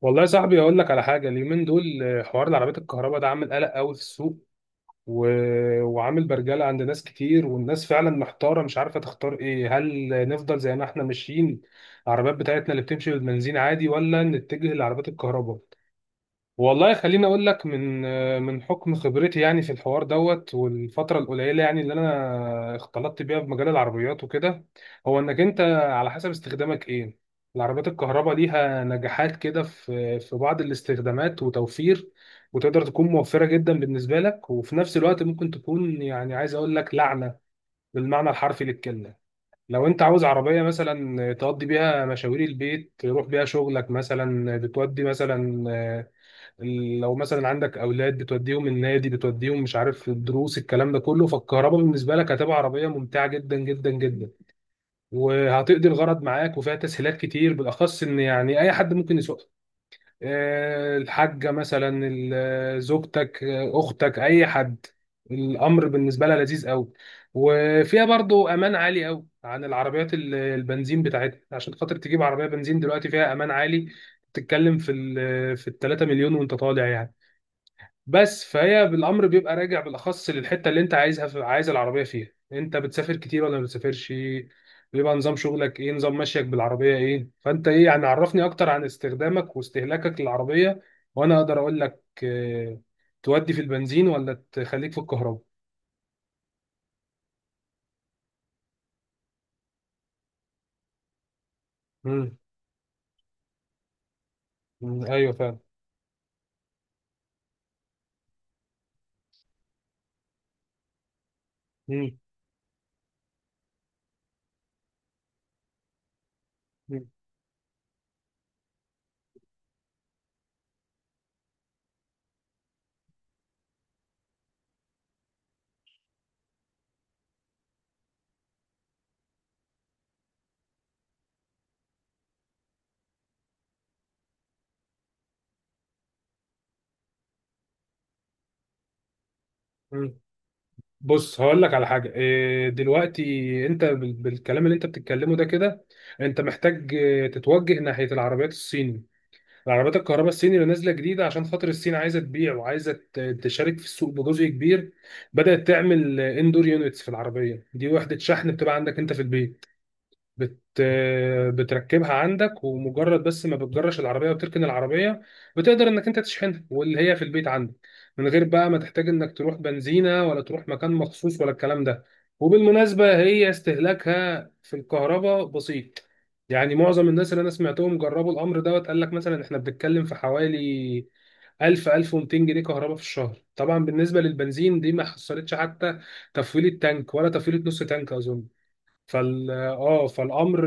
والله يا صاحبي اقول لك على حاجه. اليومين دول حوار العربيات الكهرباء ده عامل قلق قوي في السوق و... وعامل برجله عند ناس كتير، والناس فعلا محتاره، مش عارفه تختار ايه. هل نفضل زي ما احنا ماشيين العربيات بتاعتنا اللي بتمشي بالبنزين عادي، ولا نتجه لعربيات الكهرباء؟ والله خليني اقول لك من حكم خبرتي يعني في الحوار دوت، والفتره القليله يعني اللي انا اختلطت بيها في مجال العربيات وكده. هو انك انت على حسب استخدامك ايه. العربيات الكهرباء ليها نجاحات كده في بعض الاستخدامات، وتوفير وتقدر تكون موفره جدا بالنسبه لك، وفي نفس الوقت ممكن تكون يعني عايز اقول لك لعنه بالمعنى الحرفي للكلمه. لو انت عاوز عربيه مثلا تقضي بيها مشاوير البيت، تروح بيها شغلك مثلا، بتودي مثلا لو مثلا عندك اولاد بتوديهم النادي، بتوديهم مش عارف الدروس، الكلام ده كله، فالكهرباء بالنسبه لك هتبقى عربيه ممتعه جدا جدا جدا، وهتقضي الغرض معاك، وفيها تسهيلات كتير، بالاخص ان يعني اي حد ممكن يسوقها. الحاجه مثلا زوجتك، اختك، اي حد. الامر بالنسبه لها لذيذ قوي. وفيها برضو امان عالي قوي عن العربيات البنزين بتاعتها. عشان خاطر تجيب عربيه بنزين دلوقتي فيها امان عالي، تتكلم في ال 3 مليون وانت طالع يعني. بس فهي بالامر بيبقى راجع بالاخص للحته اللي انت عايزها في عايز العربيه فيها. انت بتسافر كتير ولا ما بتسافرش؟ بيبقى نظام شغلك ايه؟ نظام مشيك بالعربيه ايه؟ فانت ايه يعني؟ عرفني اكتر عن استخدامك واستهلاكك للعربيه، وانا اقدر اقول لك اه تودي في البنزين ولا تخليك في الكهرباء. مم. مم. ايوه فعلا. مم. مم. مم. بص هقول لك على حاجه. دلوقتي انت بالكلام اللي انت بتتكلمه ده كده، انت محتاج تتوجه ناحيه العربيات الصيني، العربيات الكهرباء الصيني اللي نازله جديده. عشان خاطر الصين عايزه تبيع وعايزه تشارك في السوق بجزء كبير، بدات تعمل اندور يونتس في العربيه دي. وحده شحن بتبقى عندك انت في البيت، بت... بتركبها عندك، ومجرد بس ما بتجرش العربيه وتركن العربيه، بتقدر انك انت تشحنها واللي هي في البيت عندك، من غير بقى ما تحتاج انك تروح بنزينه ولا تروح مكان مخصوص ولا الكلام ده. وبالمناسبه هي استهلاكها في الكهرباء بسيط. يعني معظم الناس اللي انا سمعتهم جربوا الامر دوت قال لك مثلا احنا بنتكلم في حوالي 1000 1200 جنيه كهرباء في الشهر. طبعا بالنسبه للبنزين دي ما حصلتش حتى تفويله تانك ولا تفويله نص تانك اظن. فال اه فالامر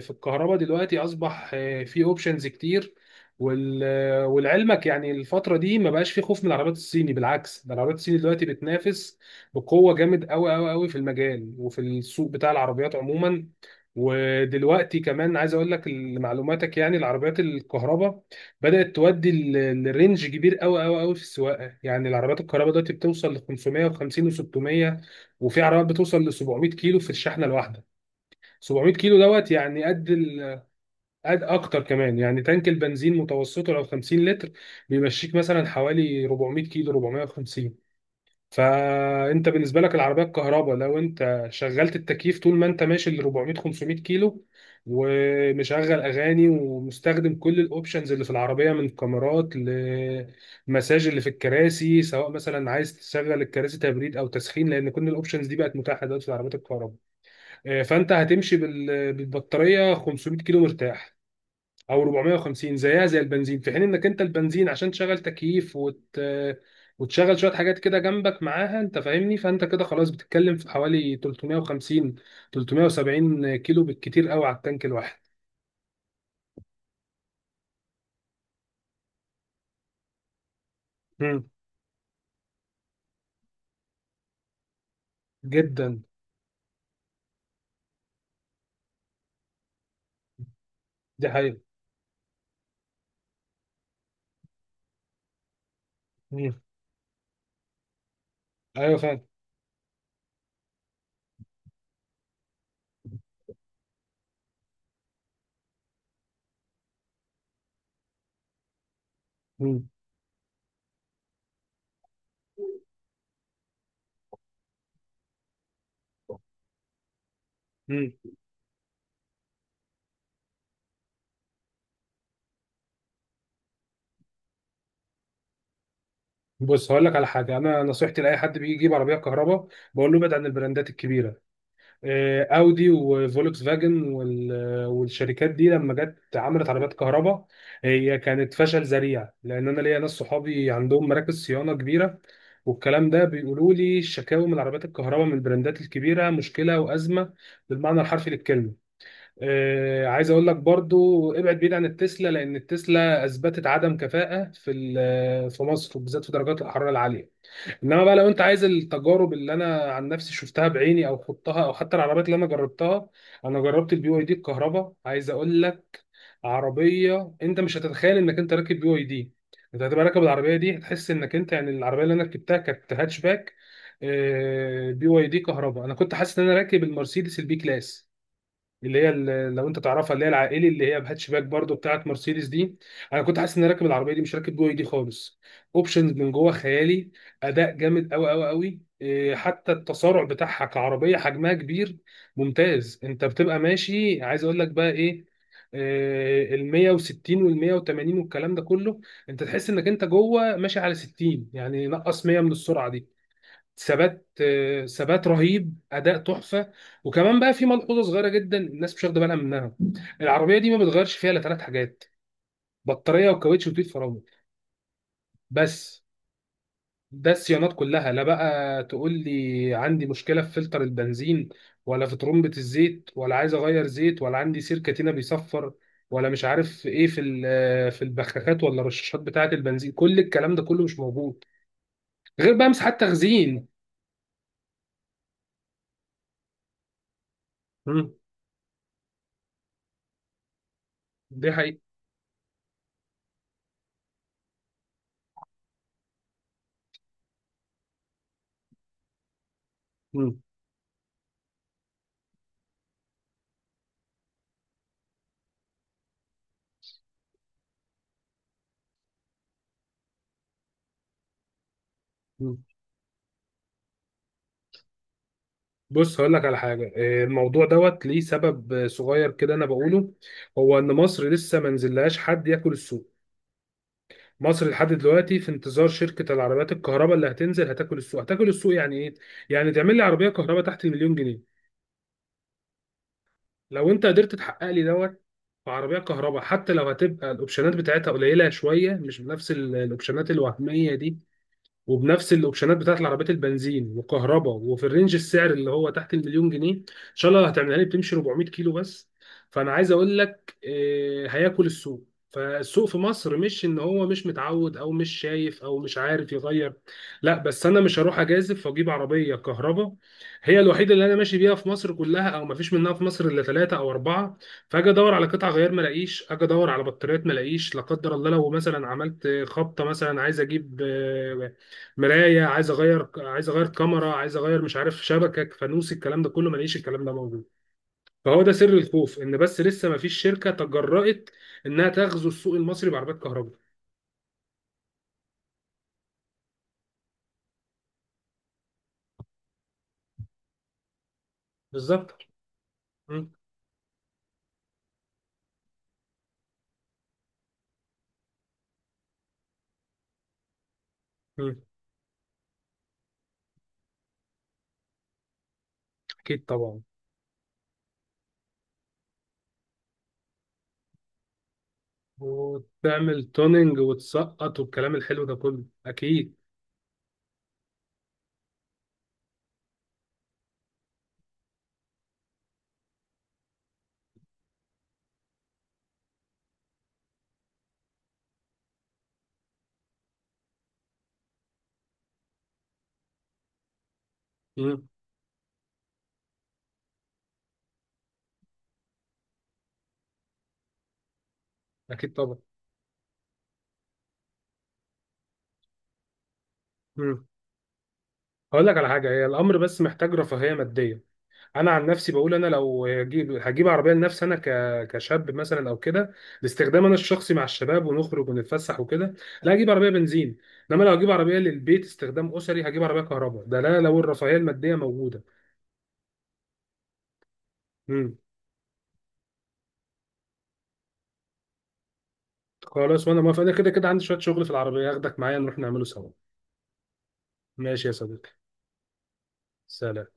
في الكهرباء دلوقتي اصبح في اوبشنز كتير وال... ولعلمك يعني الفتره دي ما بقاش في خوف من العربيات الصيني. بالعكس، ده العربيات الصيني دلوقتي بتنافس بقوه جامد قوي قوي قوي في المجال وفي السوق بتاع العربيات عموما. ودلوقتي كمان عايز اقول لك لمعلوماتك يعني العربيات الكهرباء بدات تودي الرينج كبير قوي قوي قوي في السواقه. يعني العربيات الكهرباء دلوقتي بتوصل ل 550 و600، وفي عربيات بتوصل ل 700 كيلو في الشحنه الواحده. 700 كيلو دوت، يعني قد اكتر كمان. يعني تانك البنزين متوسطه لو 50 لتر بيمشيك مثلا حوالي 400 كيلو 450. فانت بالنسبه لك العربيه الكهرباء لو انت شغلت التكييف طول ما انت ماشي ل 400 500 كيلو، ومشغل اغاني ومستخدم كل الاوبشنز اللي في العربيه من كاميرات لمساج اللي في الكراسي، سواء مثلا عايز تشغل الكراسي تبريد او تسخين، لان كل الاوبشنز دي بقت متاحه دلوقتي في العربيات الكهرباء. فانت هتمشي بالبطاريه 500 كيلو مرتاح او 450 زيها زي البنزين، في حين انك انت البنزين عشان تشغل تكييف وتشغل شويه حاجات كده جنبك معاها، انت فاهمني، فانت كده خلاص بتتكلم في حوالي 350 370 كيلو بالكتير قوي على التانك الواحد. مم. جدا. دي حقيقه. مم. ايوه فاهم. مم. مم. بص هقول لك على حاجه. انا نصيحتي لاي حد بيجي يجيب عربيه كهرباء، بقول له ابعد عن البراندات الكبيره. اودي وفولكس فاجن والشركات دي لما جت عملت عربيات كهرباء، هي كانت فشل ذريع. لان انا ليا ناس صحابي عندهم مراكز صيانه كبيره، والكلام ده، بيقولوا لي الشكاوى من عربيات الكهرباء من البراندات الكبيره مشكله وازمه بالمعنى الحرفي للكلمه. عايز اقول لك برضو ابعد بعيد عن التسلا، لان التسلا اثبتت عدم كفاءه في مصر، وبالذات في درجات الحراره العاليه. انما بقى لو انت عايز التجارب اللي انا عن نفسي شفتها بعيني او خضتها او حتى العربيات اللي انا جربتها، انا جربت البي واي دي الكهرباء. عايز اقول لك عربيه انت مش هتتخيل انك انت راكب بي واي دي. انت هتبقى راكب العربيه دي، هتحس انك انت يعني. العربيه اللي انا ركبتها كانت هاتش باك، بي واي دي كهرباء. انا كنت حاسس ان انا راكب المرسيدس البي كلاس، اللي هي لو انت تعرفها اللي هي العائلي، اللي هي بهاتشباك برضو بتاعت مرسيدس دي. انا كنت حاسس اني راكب العربيه دي، مش راكب جوه دي خالص. اوبشنز من جوه خيالي، اداء جامد قوي قوي قوي، حتى التسارع بتاعها كعربيه حجمها كبير ممتاز. انت بتبقى ماشي عايز اقول لك بقى ايه، ال 160 وال 180 والكلام ده كله، انت تحس انك انت جوه ماشي على 60، يعني نقص 100 من السرعه دي. ثبات، ثبات رهيب، اداء تحفه. وكمان بقى في ملحوظه صغيره جدا الناس مش واخده بالها منها. العربيه دي ما بتغيرش فيها الا ثلاث حاجات: بطاريه، وكاوتش، وتيل فرامل. بس. ده الصيانات كلها. لا بقى تقول لي عندي مشكله في فلتر البنزين، ولا في ترمبه الزيت، ولا عايز اغير زيت، ولا عندي سيركتينه بيصفر، ولا مش عارف ايه في البخاخات ولا الرشاشات بتاعه البنزين. كل الكلام ده كله مش موجود، غير بقى مساحات تخزين. مم. دي حقيقة. مم. بص هقول لك على حاجة. الموضوع دوت ليه سبب صغير كده أنا بقوله. هو إن مصر لسه ما نزلهاش حد ياكل السوق. مصر لحد دلوقتي في انتظار شركة العربيات الكهرباء اللي هتنزل هتاكل السوق. هتاكل السوق يعني إيه؟ يعني تعمل لي عربية كهرباء تحت المليون جنيه. لو أنت قدرت تحقق لي دوت في عربية كهرباء، حتى لو هتبقى الأوبشنات بتاعتها قليلة شوية، مش بنفس الأوبشنات الوهمية دي، وبنفس الاوبشنات بتاعت العربيات البنزين وكهرباء، وفي الرينج السعر اللي هو تحت المليون جنيه، ان شاء الله هتعملها لي بتمشي 400 كيلو بس، فانا عايز اقول لك هياكل السوق. فالسوق في مصر مش ان هو مش متعود او مش شايف او مش عارف يغير، لا، بس انا مش هروح اجازف واجيب عربيه كهرباء هي الوحيده اللي انا ماشي بيها في مصر كلها، او ما فيش منها في مصر الا ثلاثه او اربعه، فاجي ادور على قطع غيار ما الاقيش، اجي ادور على بطاريات ما الاقيش، لا قدر الله لو مثلا عملت خبطه مثلا عايز اجيب مرايه، عايز اغير، عايز اغير كاميرا، عايز اغير مش عارف شبكه فانوس، الكلام ده كله ما لقيش الكلام ده موجود. فهو ده سر الخوف، ان بس لسه ما فيش شركه تجرأت انها تغزو السوق المصري بعربيات كهرباء. بالظبط. مم. مم. اكيد طبعا. وتعمل توننج وتسقط والكلام الحلو ده كله، اكيد. مم. اكيد طبعا. مم. هقول لك على حاجه. هي الامر بس محتاج رفاهيه ماديه. انا عن نفسي بقول انا لو هجيب، هجيب عربيه لنفسي انا كشاب مثلا او كده، لاستخدام انا الشخصي مع الشباب ونخرج ونتفسح وكده، لا، هجيب عربيه بنزين. انما لو هجيب عربيه للبيت، استخدام اسري، هجيب عربيه كهرباء. ده لا لو الرفاهيه الماديه موجوده. امم. خلاص، وانا موافق. انا كده كده عندي شويه شغل في العربيه، هاخدك معايا نروح نعمله سوا. ماشي يا صديقي. سلام.